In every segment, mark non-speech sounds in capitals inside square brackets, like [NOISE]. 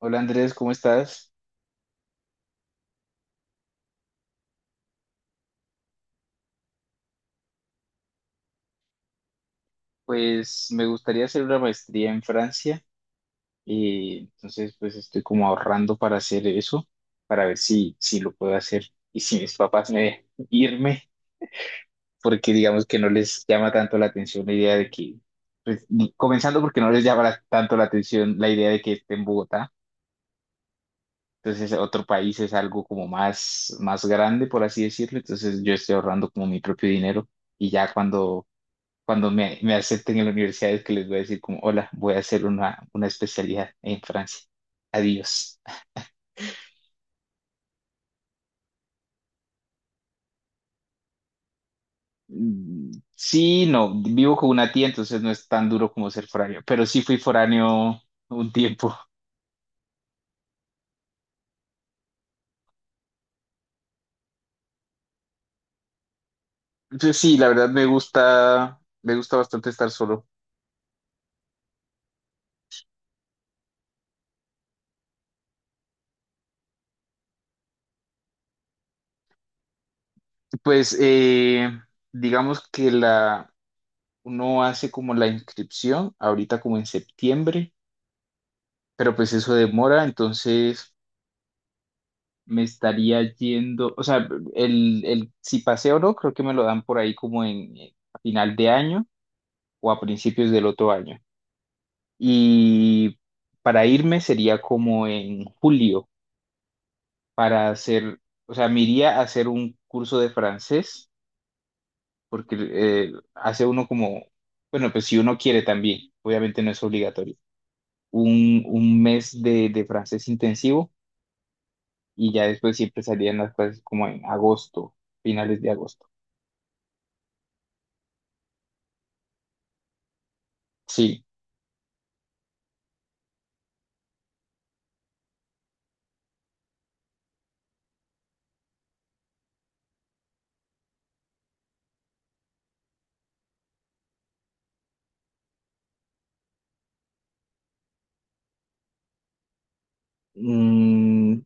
Hola Andrés, ¿cómo estás? Pues me gustaría hacer una maestría en Francia y entonces pues estoy como ahorrando para hacer eso, para ver si lo puedo hacer y si mis papás me dejan irme, porque digamos que no les llama tanto la atención la idea de que, pues comenzando porque no les llama tanto la atención la idea de que esté en Bogotá, entonces otro país es algo como más grande, por así decirlo, entonces yo estoy ahorrando como mi propio dinero y ya cuando me acepten en la universidad es que les voy a decir como, hola, voy a hacer una especialidad en Francia. Adiós. Mm, sí, no, vivo con una tía, entonces no es tan duro como ser foráneo, pero sí fui foráneo un tiempo. Entonces, sí, la verdad me gusta bastante estar solo. Pues digamos que uno hace como la inscripción ahorita como en septiembre, pero pues eso demora, entonces me estaría yendo, o sea, el si paseo o no, creo que me lo dan por ahí como en a final de año o a principios del otro año. Y para irme sería como en julio para hacer, o sea, me iría a hacer un curso de francés porque hace uno como, bueno, pues si uno quiere también, obviamente no es obligatorio, un mes de francés intensivo y ya después siempre salían las clases como en agosto, finales de agosto. Sí. Mm,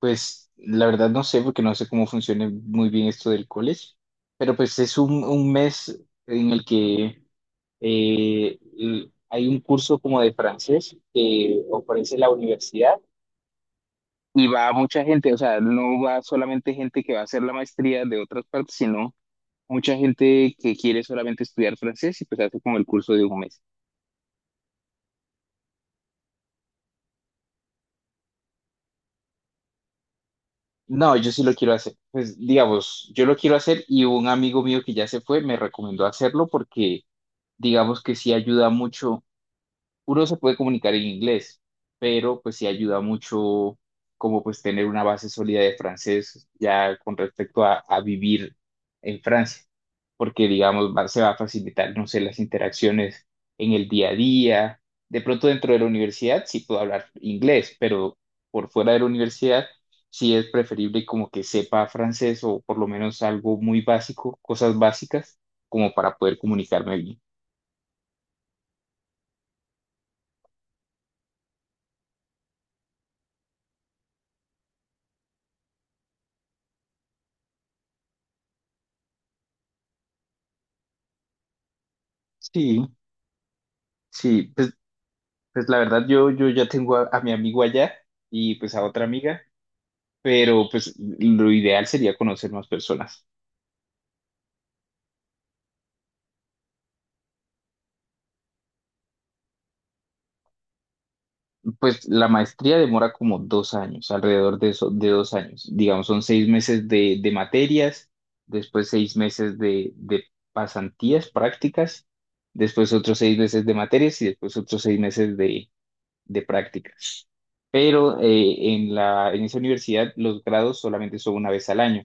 pues la verdad no sé, porque no sé cómo funciona muy bien esto del college, pero pues es un mes en el que hay un curso como de francés que ofrece la universidad y va mucha gente, o sea, no va solamente gente que va a hacer la maestría de otras partes, sino mucha gente que quiere solamente estudiar francés y pues hace como el curso de un mes. No, yo sí lo quiero hacer. Pues digamos, yo lo quiero hacer y un amigo mío que ya se fue me recomendó hacerlo porque digamos que sí ayuda mucho, uno se puede comunicar en inglés, pero pues sí ayuda mucho como pues tener una base sólida de francés ya con respecto a vivir en Francia, porque digamos se va a facilitar, no sé, las interacciones en el día a día. De pronto dentro de la universidad sí puedo hablar inglés, pero por fuera de la universidad sí es preferible como que sepa francés o por lo menos algo muy básico, cosas básicas, como para poder comunicarme bien. Sí. Sí, pues, pues la verdad yo ya tengo a mi amigo allá y pues a otra amiga, pero pues lo ideal sería conocer más personas. Pues la maestría demora como 2 años, alrededor de, eso, de 2 años. Digamos, son 6 meses de materias, después 6 meses de pasantías, prácticas, después otros 6 meses de materias y después otros 6 meses de prácticas. Pero en en esa universidad los grados solamente son una vez al año.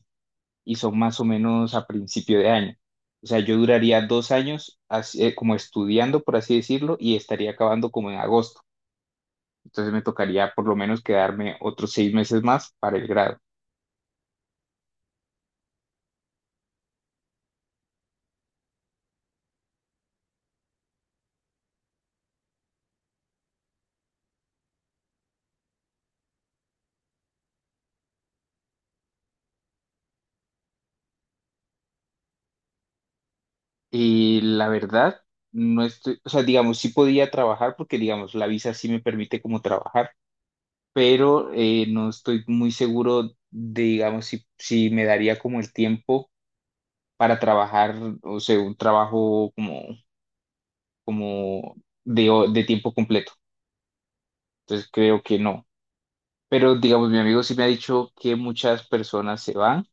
Y son más o menos a principio de año. O sea, yo duraría 2 años así, como estudiando, por así decirlo, y estaría acabando como en agosto. Entonces me tocaría por lo menos quedarme otros 6 meses más para el grado. Y la verdad, no estoy, o sea, digamos, sí podía trabajar porque, digamos, la visa sí me permite como trabajar, pero no estoy muy seguro de, digamos, si me daría como el tiempo para trabajar, o sea, un trabajo como de tiempo completo. Entonces creo que no. Pero digamos, mi amigo sí me ha dicho que muchas personas se van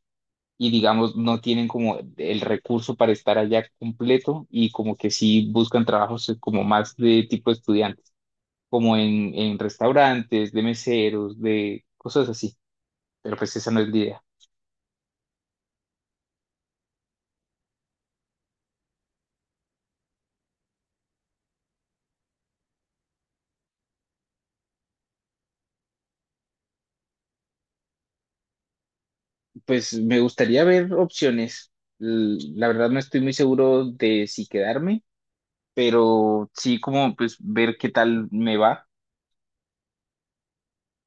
y digamos no tienen como el recurso para estar allá completo y como que sí buscan trabajos como más de tipo estudiantes, como en restaurantes, de meseros, de cosas así. Pero pues esa no es la idea. Pues me gustaría ver opciones. La verdad no estoy muy seguro de si quedarme, pero sí como pues ver qué tal me va.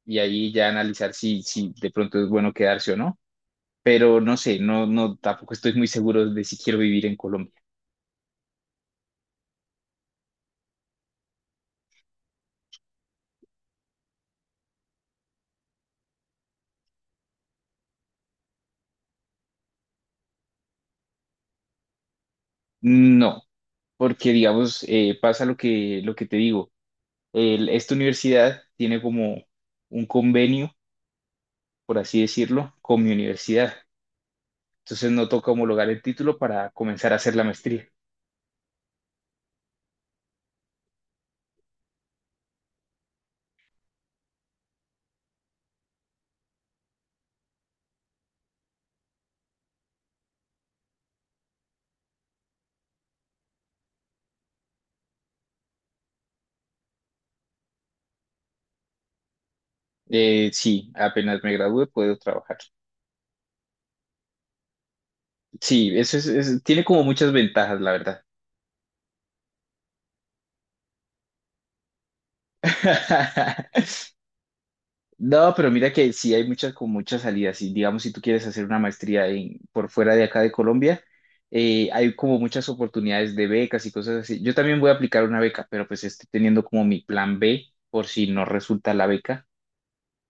Y ahí ya analizar si de pronto es bueno quedarse o no. Pero no sé, no, no, tampoco estoy muy seguro de si quiero vivir en Colombia. No, porque digamos, pasa lo que te digo. Esta universidad tiene como un convenio, por así decirlo, con mi universidad. Entonces no toca homologar el título para comenzar a hacer la maestría. Sí, apenas me gradúe puedo trabajar. Sí, eso es, tiene como muchas ventajas, la verdad. [LAUGHS] No, pero mira que sí hay muchas con muchas salidas. Y digamos, si tú quieres hacer una maestría en, por fuera de acá de Colombia, hay como muchas oportunidades de becas y cosas así. Yo también voy a aplicar una beca, pero pues estoy teniendo como mi plan B por si no resulta la beca.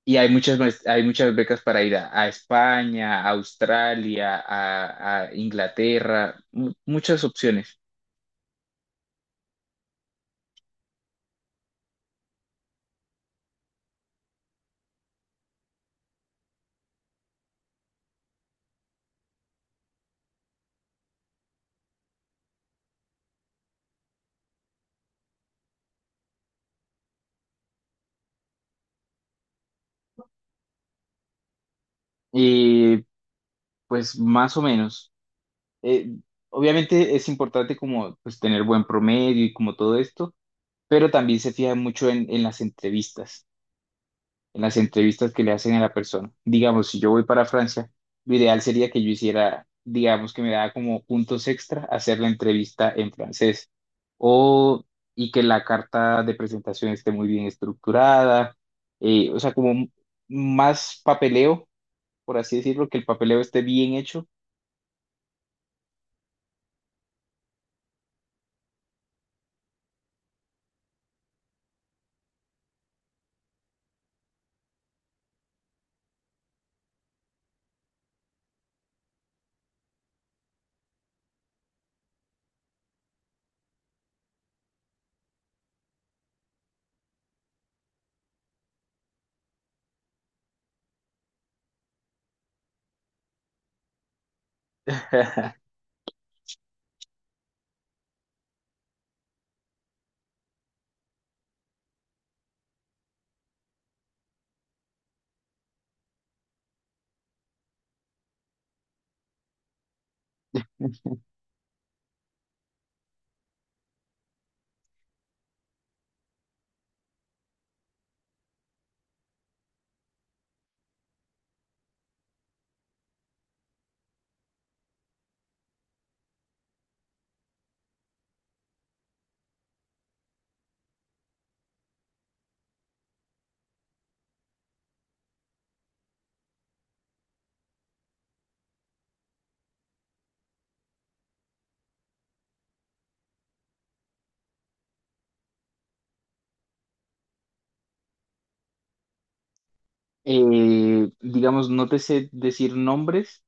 Y hay muchas becas para ir a España, a Australia, a Inglaterra, muchas opciones. Y pues más o menos. Eh, obviamente es importante como pues tener buen promedio y como todo esto pero también se fija mucho en las entrevistas, en las entrevistas que le hacen a la persona. Digamos, si yo voy para Francia, lo ideal sería que yo hiciera, digamos, que me da como puntos extra hacer la entrevista en francés o y que la carta de presentación esté muy bien estructurada, o sea, como más papeleo, por así decirlo, que el papeleo esté bien hecho. [LAUGHS] Digamos, no te sé decir nombres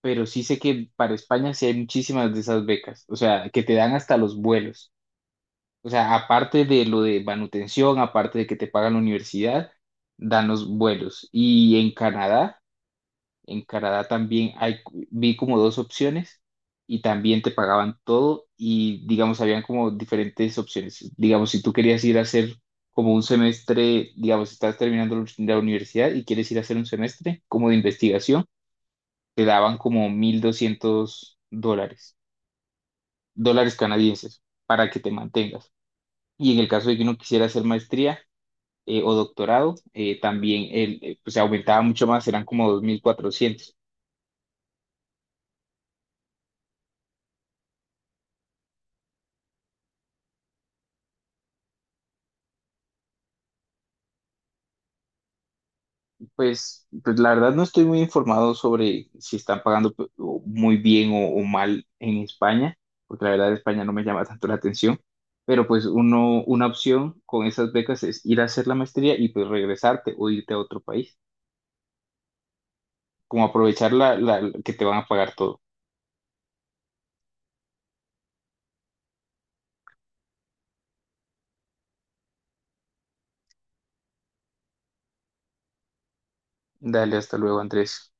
pero sí sé que para España sí hay muchísimas de esas becas, o sea, que te dan hasta los vuelos. O sea, aparte de lo de manutención, aparte de que te pagan la universidad, dan los vuelos. Y en Canadá también hay, vi como dos opciones y también te pagaban todo y digamos, habían como diferentes opciones. Digamos, si tú querías ir a hacer como un semestre, digamos, estás terminando la universidad y quieres ir a hacer un semestre como de investigación te daban como 1.200 dólares, dólares canadienses, para que te mantengas. Y en el caso de que uno quisiera hacer maestría o doctorado, también el, pues, se aumentaba mucho más, eran como 2.400. Pues, pues la verdad no estoy muy informado sobre si están pagando o muy bien o mal en España, porque la verdad España no me llama tanto la atención. Pero pues uno, una opción con esas becas es ir a hacer la maestría y pues regresarte o irte a otro país. Como aprovechar que te van a pagar todo. Dale, hasta luego, Andrés.